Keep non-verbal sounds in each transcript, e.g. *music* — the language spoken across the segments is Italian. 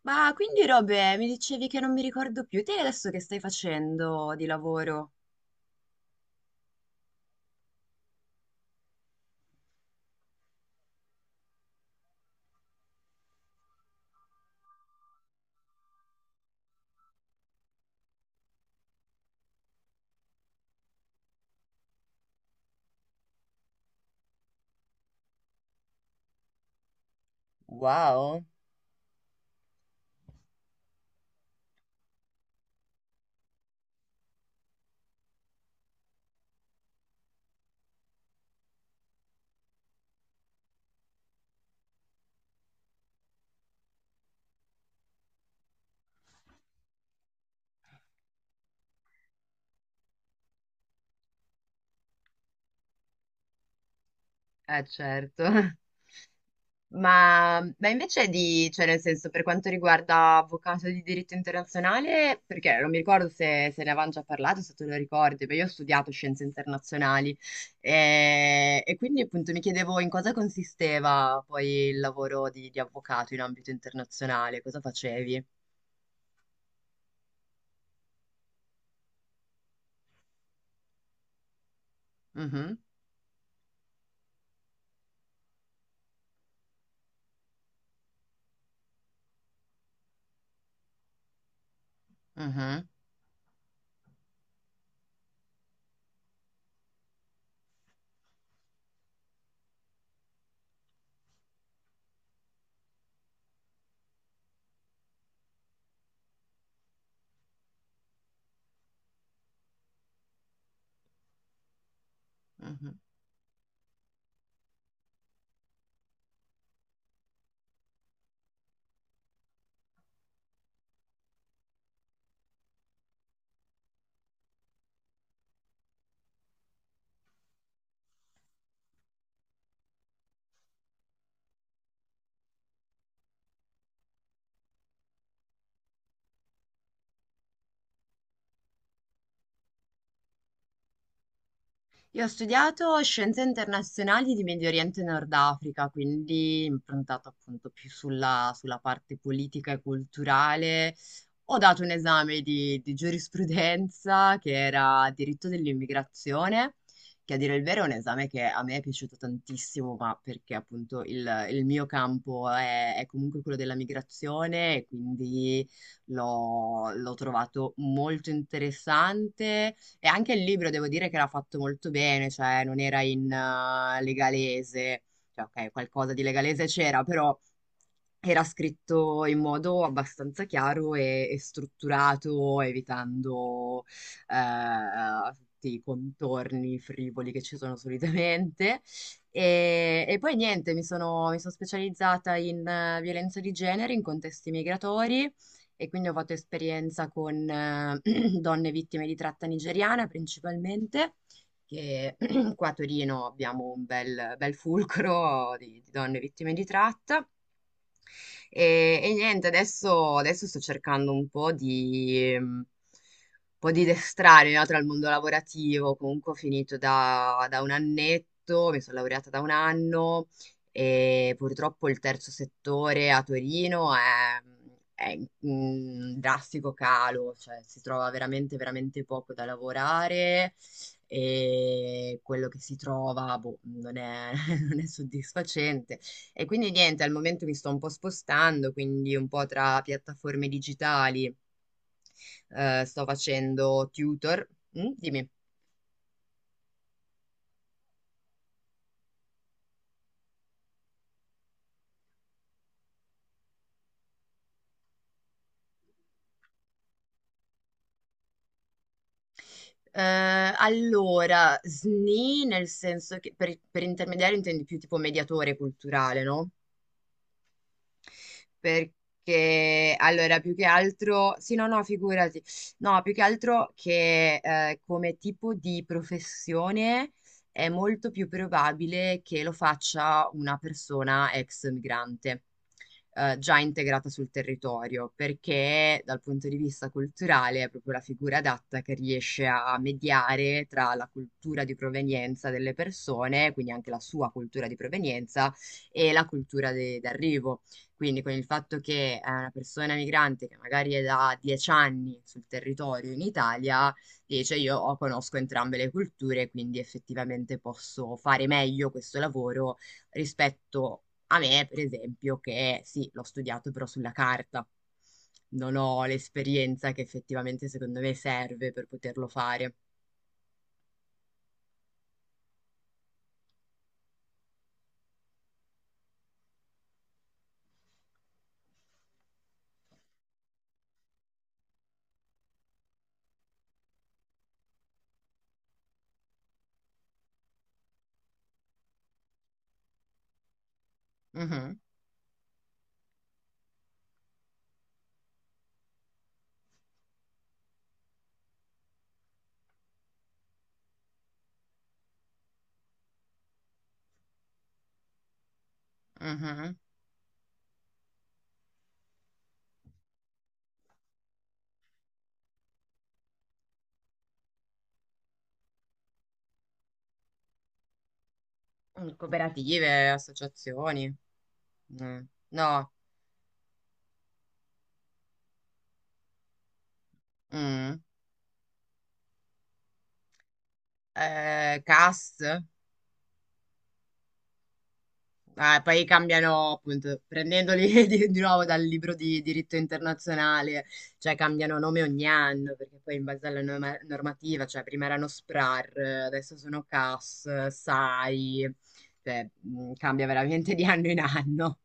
Ma quindi Robe, mi dicevi che non mi ricordo più, te adesso che stai facendo di lavoro? Eh certo. *laughs* Ma invece di, cioè nel senso per quanto riguarda avvocato di diritto internazionale, perché non mi ricordo se, se ne avevamo già parlato, se te lo ricordi, ma io ho studiato scienze internazionali e quindi appunto mi chiedevo in cosa consisteva poi il lavoro di avvocato in ambito internazionale, cosa facevi? Mhm, mhm, mhm. Io ho studiato scienze internazionali di Medio Oriente e Nord Africa, quindi improntato appunto più sulla parte politica e culturale, ho dato un esame di giurisprudenza che era diritto dell'immigrazione, che a dire il vero è un esame che a me è piaciuto tantissimo, ma perché appunto il mio campo è comunque quello della migrazione e quindi l'ho trovato molto interessante. E anche il libro devo dire che l'ha fatto molto bene, cioè non era in legalese, cioè ok, qualcosa di legalese c'era, però era scritto in modo abbastanza chiaro e strutturato, evitando tutti i contorni frivoli che ci sono solitamente. E poi niente, mi sono specializzata in violenza di genere in contesti migratori e quindi ho fatto esperienza con *clears throat* donne vittime di tratta nigeriana principalmente, che *clears throat* qua a Torino abbiamo un bel, bel fulcro di donne vittime di tratta. E niente, adesso, adesso sto cercando un po' di destrarmi, no, tra il mondo lavorativo. Comunque ho finito da un annetto, mi sono laureata da un anno, e purtroppo il terzo settore a Torino è in drastico calo, cioè si trova veramente, veramente poco da lavorare, e quello che si trova, boh, non è *laughs* non è soddisfacente. E quindi niente, al momento mi sto un po' spostando, quindi un po' tra piattaforme digitali. Sto facendo tutor. Mm, dimmi. Eh, allora, SNI nel senso che per intermediario intendi più tipo mediatore culturale, no? Perché allora, più che altro, sì, no, no, figurati, no, più che altro che come tipo di professione è molto più probabile che lo faccia una persona ex migrante, già integrata sul territorio, perché dal punto di vista culturale è proprio la figura adatta che riesce a mediare tra la cultura di provenienza delle persone, quindi anche la sua cultura di provenienza, e la cultura d'arrivo. Quindi con il fatto che è una persona migrante che magari è da 10 anni sul territorio in Italia, dice, io conosco entrambe le culture, quindi effettivamente posso fare meglio questo lavoro rispetto a me, per esempio, che sì, l'ho studiato però sulla carta. Non ho l'esperienza che effettivamente secondo me serve per poterlo fare. Mhm, mhm. Cooperative, associazioni, mm, no, mm. CAS. Ah, poi cambiano, appunto, prendendoli *laughs* di nuovo dal libro di diritto internazionale, cioè cambiano nome ogni anno, perché poi in base alla normativa, cioè prima erano SPRAR, adesso sono CAS, SAI, cioè cambia veramente di anno in anno.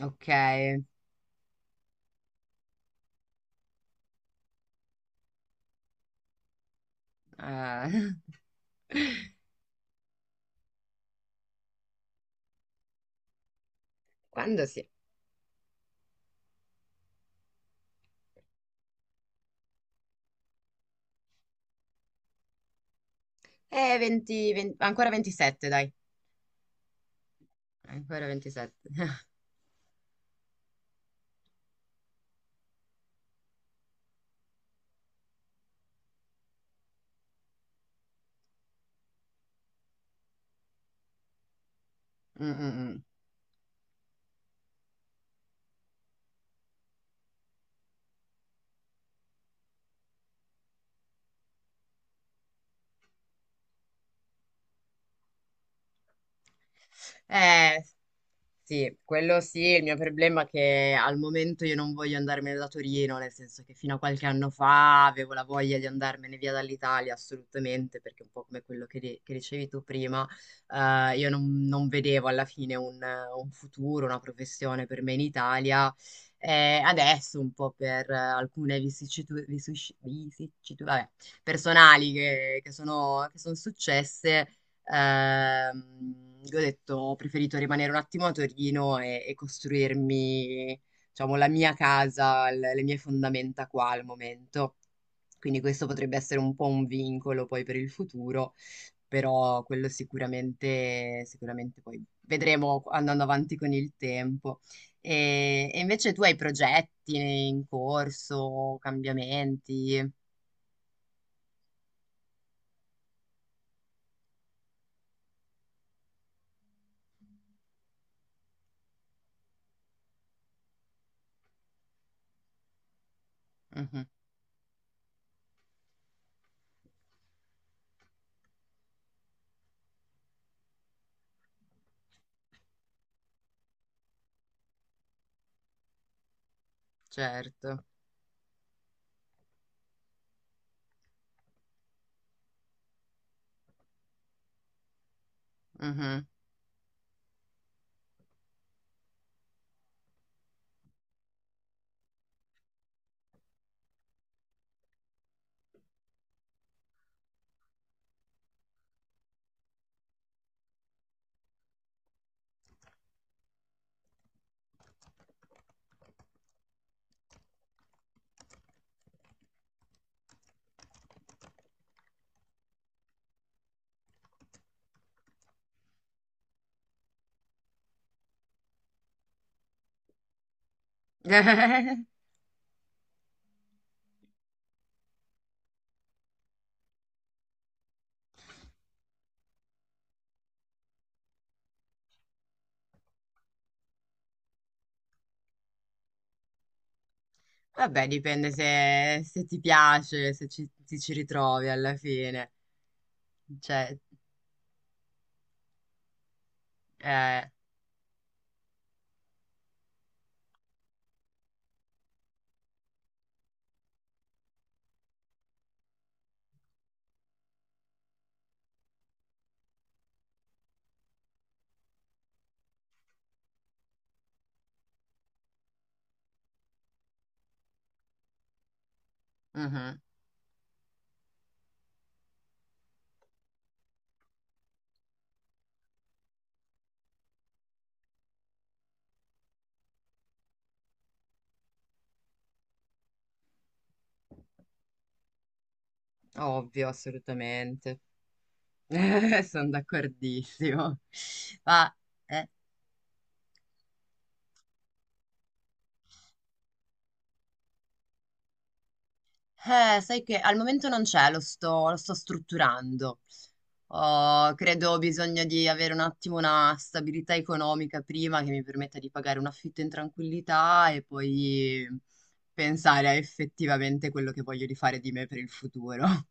Ok. *laughs* Quando si. 20, 20 ancora 27, dai. Ancora 27. *laughs* Mm, mm, mm. Eh, Sì, quello sì, il mio problema è che al momento io non voglio andarmene da Torino, nel senso che fino a qualche anno fa avevo la voglia di andarmene via dall'Italia, assolutamente, perché un po' come quello che, che dicevi tu prima, io non vedevo alla fine un futuro, una professione per me in Italia. Adesso un po' per alcune vicissitudini personali che sono successe. Ehm, io ho detto, ho preferito rimanere un attimo a Torino e costruirmi, diciamo, la mia casa, le mie fondamenta qua al momento. Quindi questo potrebbe essere un po' un vincolo poi per il futuro, però quello sicuramente, sicuramente poi vedremo andando avanti con il tempo. E invece tu hai progetti in corso, cambiamenti? Mhm, certo. Mhm. *laughs* Vabbè, dipende se, se ti piace, se ci, ti ci ritrovi alla fine. Cioè, eh, mhm, ovvio, assolutamente. *laughs* Sono d'accordissimo. Ma, eh. Sai che al momento non c'è, lo sto strutturando. Oh, credo ho bisogno di avere un attimo una stabilità economica prima, che mi permetta di pagare un affitto in tranquillità, e poi pensare a effettivamente quello che voglio di fare di me per il futuro. *laughs*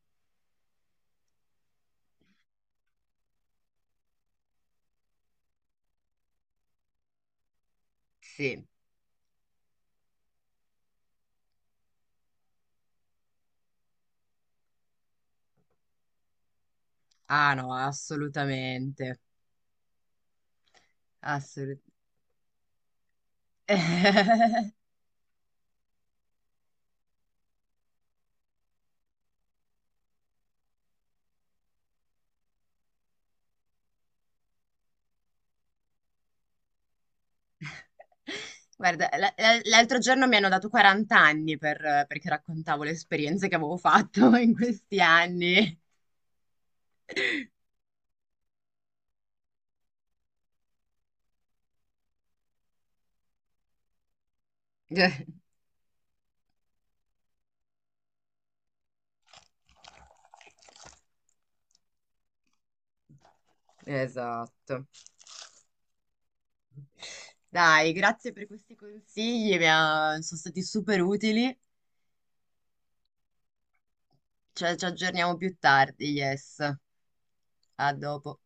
Sì, ah no, assolutamente, assolutamente. *laughs* Guarda, l'altro giorno mi hanno dato 40 anni, perché raccontavo le esperienze che avevo fatto *laughs* in questi anni. *laughs* Esatto. Dai, grazie per questi consigli, sono stati super utili. Cioè, ci aggiorniamo più tardi, yes. A dopo.